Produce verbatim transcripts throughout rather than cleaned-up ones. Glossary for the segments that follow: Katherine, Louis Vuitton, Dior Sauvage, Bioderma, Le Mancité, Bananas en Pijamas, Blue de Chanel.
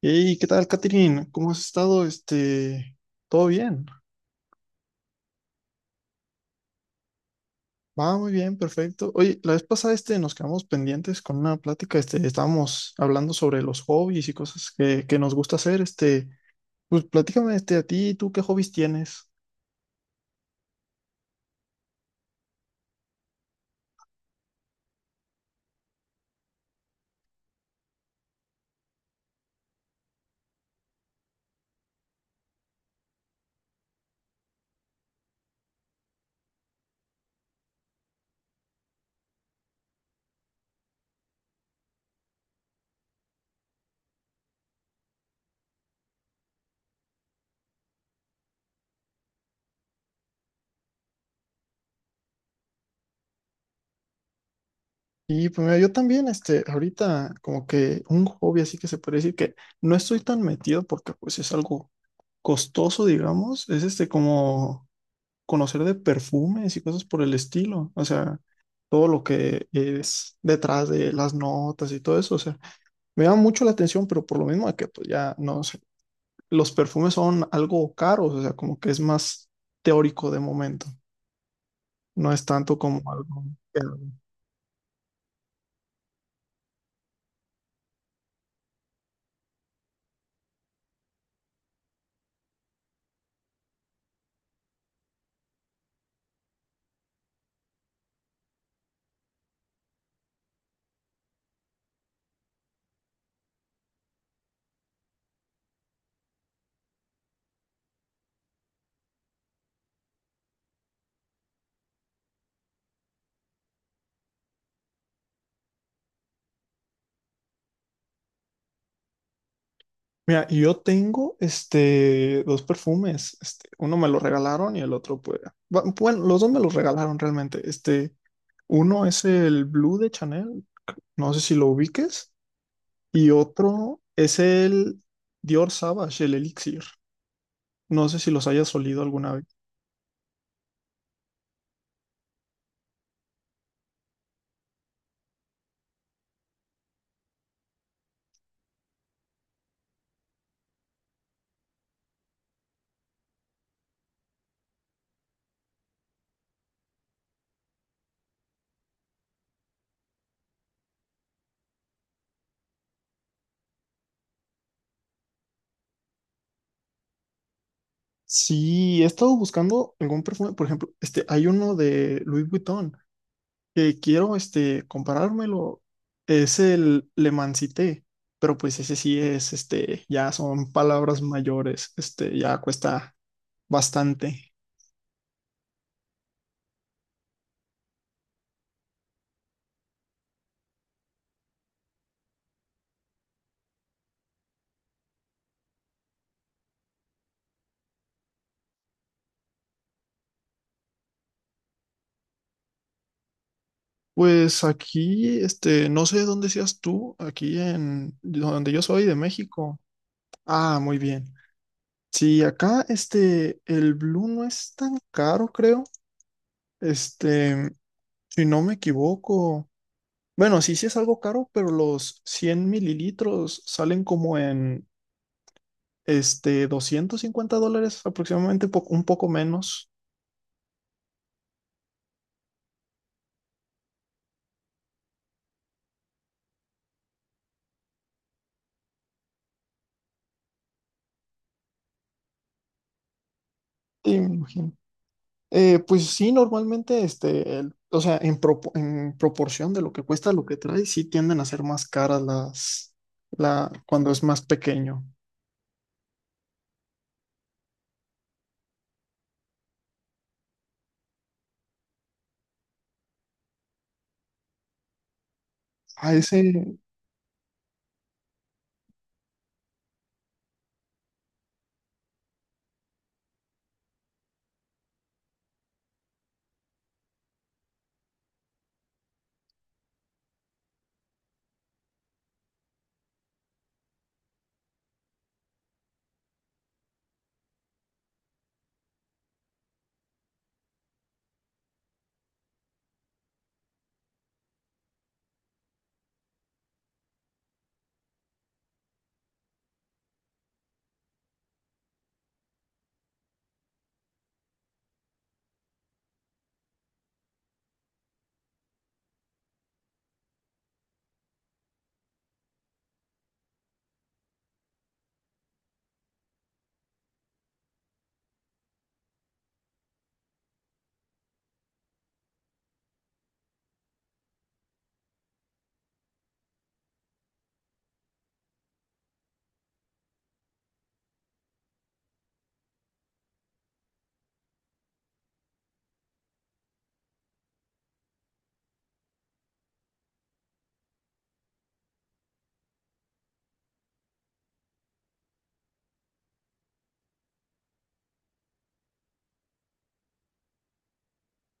Hey, ¿qué tal, Katherine? ¿Cómo has estado? Este, todo bien. Va muy bien, perfecto. Oye, la vez pasada este, nos quedamos pendientes con una plática. Este, estábamos hablando sobre los hobbies y cosas que, que nos gusta hacer. Este, pues platícame este, a ti, ¿tú qué hobbies tienes? Y pues mira, yo también, este, ahorita como que un hobby así que se puede decir que no estoy tan metido porque pues es algo costoso, digamos. Es este como conocer de perfumes y cosas por el estilo, o sea, todo lo que es detrás de las notas y todo eso, o sea, me llama mucho la atención, pero por lo mismo de que pues ya no sé, los perfumes son algo caros, o sea, como que es más teórico de momento, no es tanto como algo que- Mira, y yo tengo este dos perfumes, este, uno me lo regalaron y el otro pues va- bueno, los dos me los regalaron realmente. Este, uno es el Blue de Chanel, no sé si lo ubiques. Y otro es el Dior Sauvage el Elixir. No sé si los hayas olido alguna vez. Sí, he estado buscando algún perfume. Por ejemplo, este, hay uno de Louis Vuitton que quiero este, comparármelo. Es el Le Mancité, pero pues ese sí es, este, ya son palabras mayores, este, ya cuesta bastante. Pues aquí, este, no sé dónde seas tú, aquí en donde yo soy de México. Ah, muy bien. Sí, acá este, el Blue no es tan caro, creo. Este, si no me equivoco. Bueno, sí, sí es algo caro, pero los cien mililitros salen como en este, doscientos cincuenta dólares aproximadamente, po- un poco menos. Sí, me imagino. Eh, pues sí, normalmente, este, el- o sea, en, propo- en proporción de lo que cuesta lo que trae, sí tienden a ser más caras las, la, cuando es más pequeño. A ese.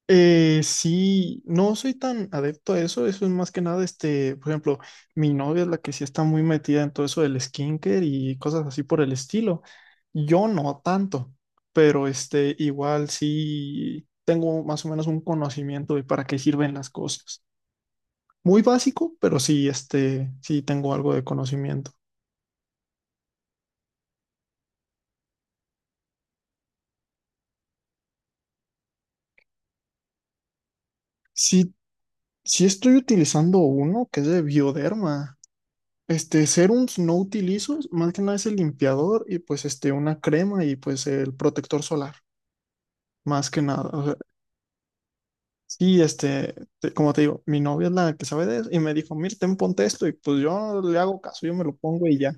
Eh, sí, no soy tan adepto a eso, eso es más que nada, este, por ejemplo, mi novia es la que sí está muy metida en todo eso del skincare y cosas así por el estilo. Yo no tanto, pero este, igual sí tengo más o menos un conocimiento de para qué sirven las cosas. Muy básico, pero sí, este, sí tengo algo de conocimiento. Sí, sí estoy utilizando uno que es de Bioderma. Este, serums no utilizo, más que nada es el limpiador y pues este, una crema y pues el protector solar, más que nada. O sea, sí, este, te- como te digo, mi novia es la que sabe de eso y me dijo, mira, ten, ponte esto y pues yo le hago caso, yo me lo pongo y ya,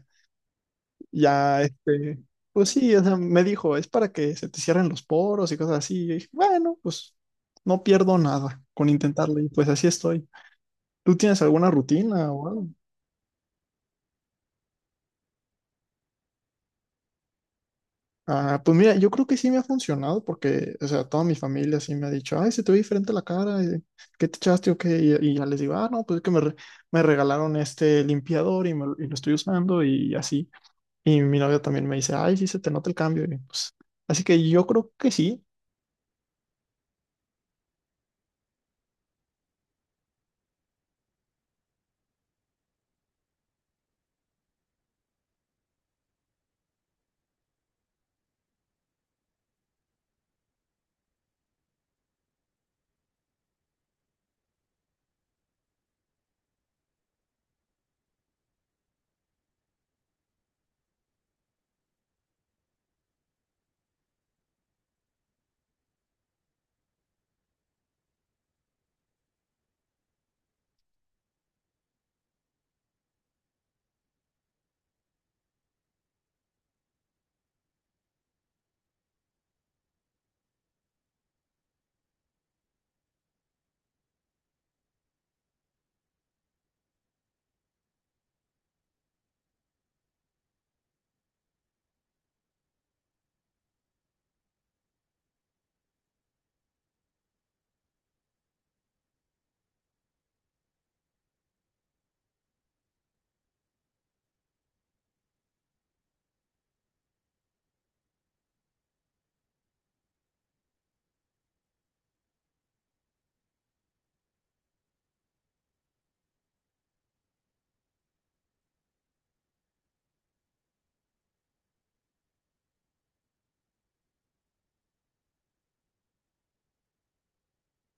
ya, este, pues sí, o sea, me dijo, es para que se te cierren los poros y cosas así. Yo dije, bueno, pues no pierdo nada con intentarlo y pues así estoy. ¿Tú tienes alguna rutina o algo? Ah, pues mira, yo creo que sí me ha funcionado porque, o sea, toda mi familia sí me ha dicho, ay, se te ve diferente la cara, eh, ¿qué te echaste o qué? Y, y ya les digo, ah, no, pues es que me, re- me regalaron este limpiador y, me lo y lo estoy usando y así. Y mi novia también me dice, ay, sí, se te nota el cambio. Y pues, así que yo creo que sí.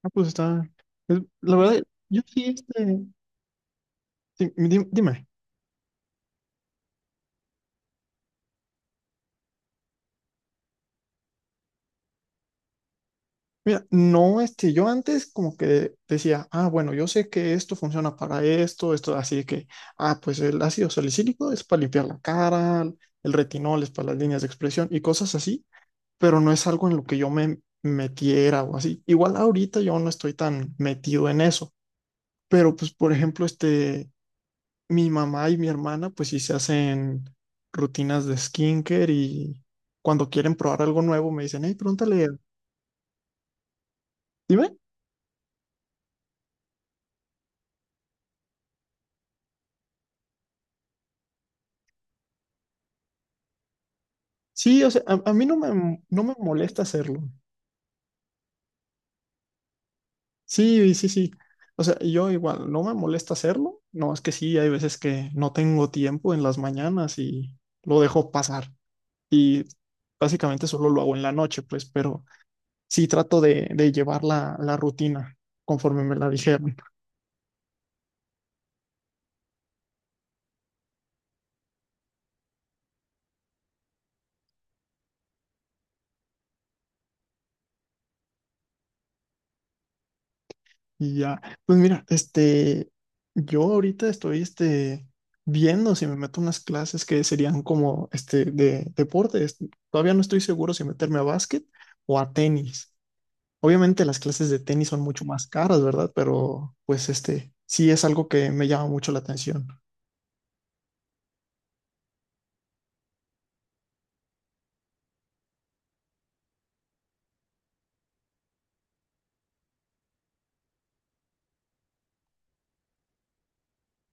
Ah, pues está, es- la verdad, yo sí, este, sí, di- dime. Mira, no, este, yo antes como que decía, ah, bueno, yo sé que esto funciona para esto, esto, así que, ah, pues el ácido salicílico es para limpiar la cara, el retinol es para las líneas de expresión y cosas así, pero no es algo en lo que yo me metiera o así. Igual ahorita yo no estoy tan metido en eso, pero pues, por ejemplo, este, mi mamá y mi hermana, pues sí se hacen rutinas de skincare y cuando quieren probar algo nuevo me dicen, hey, pregúntale, dime. Sí, o sea, a, a mí no me, no me molesta hacerlo. Sí, sí, sí. O sea, yo igual, no me molesta hacerlo. No, es que sí, hay veces que no tengo tiempo en las mañanas y lo dejo pasar. Y básicamente solo lo hago en la noche, pues, pero sí trato de, de llevar la, la rutina conforme me la dijeron. Y ya, pues mira, este, yo ahorita estoy, este, viendo si me meto a unas clases que serían como, este, de deportes. Todavía no estoy seguro si meterme a básquet o a tenis. Obviamente las clases de tenis son mucho más caras, ¿verdad? Pero, pues, este, sí es algo que me llama mucho la atención.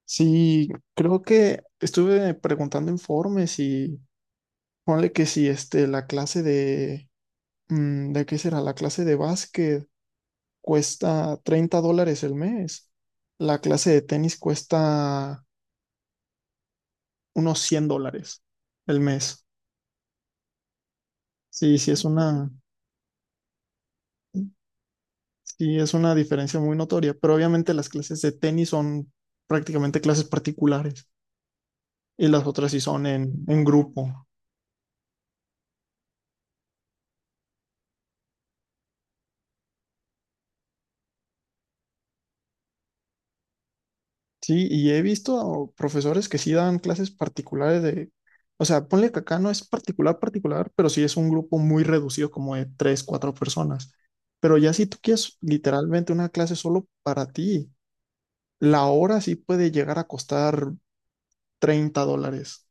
Sí, creo que estuve preguntando informes y ponle que si, este, la clase de, mm, ¿de qué será? La clase de básquet cuesta treinta dólares el mes. La clase de tenis cuesta unos cien dólares el mes. Sí, sí es una, sí es una diferencia muy notoria, pero obviamente las clases de tenis son prácticamente clases particulares y las otras sí son en, en grupo. Sí, y he visto profesores que sí dan clases particulares de, o sea, ponle que acá no es particular, particular, pero sí es un grupo muy reducido, como de tres, cuatro personas. Pero ya si tú quieres literalmente una clase solo para ti, la hora sí puede llegar a costar treinta dólares.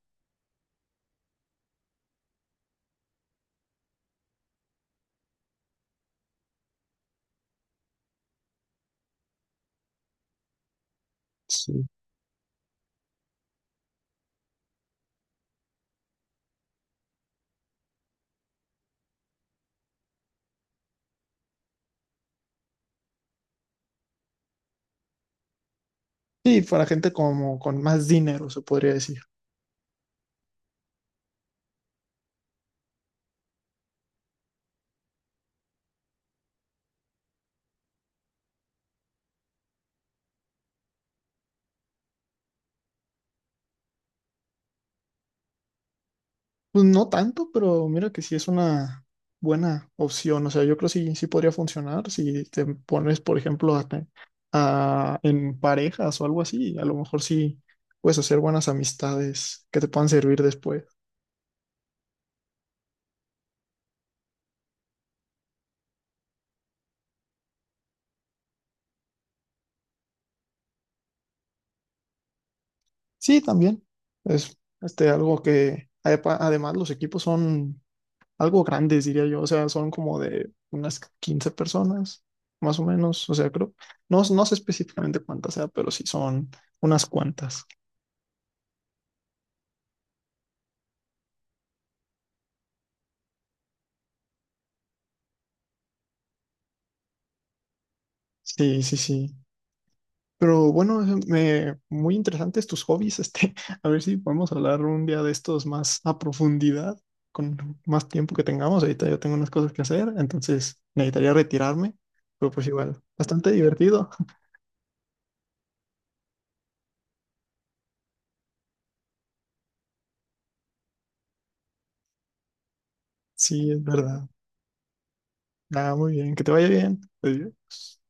Sí. Sí, para gente como con más dinero, se podría decir. Pues no tanto, pero mira que sí es una buena opción. O sea, yo creo que sí, sí podría funcionar si te pones, por ejemplo, a, te- a- en parejas o algo así. A lo mejor sí puedes hacer buenas amistades que te puedan servir después. Sí, también. Es este, algo que, adepa- además, los equipos son algo grandes, diría yo. O sea, son como de unas quince personas, más o menos. O sea, creo, no, no sé específicamente cuántas sea, pero sí son unas cuantas. Sí, sí, sí. Pero bueno, me, muy interesantes tus hobbies, este, a ver si podemos hablar un día de estos más a profundidad, con más tiempo que tengamos. Ahorita yo tengo unas cosas que hacer, entonces necesitaría retirarme, pero pues igual, bastante divertido. Sí, es verdad. Ah, muy bien, que te vaya bien. Adiós.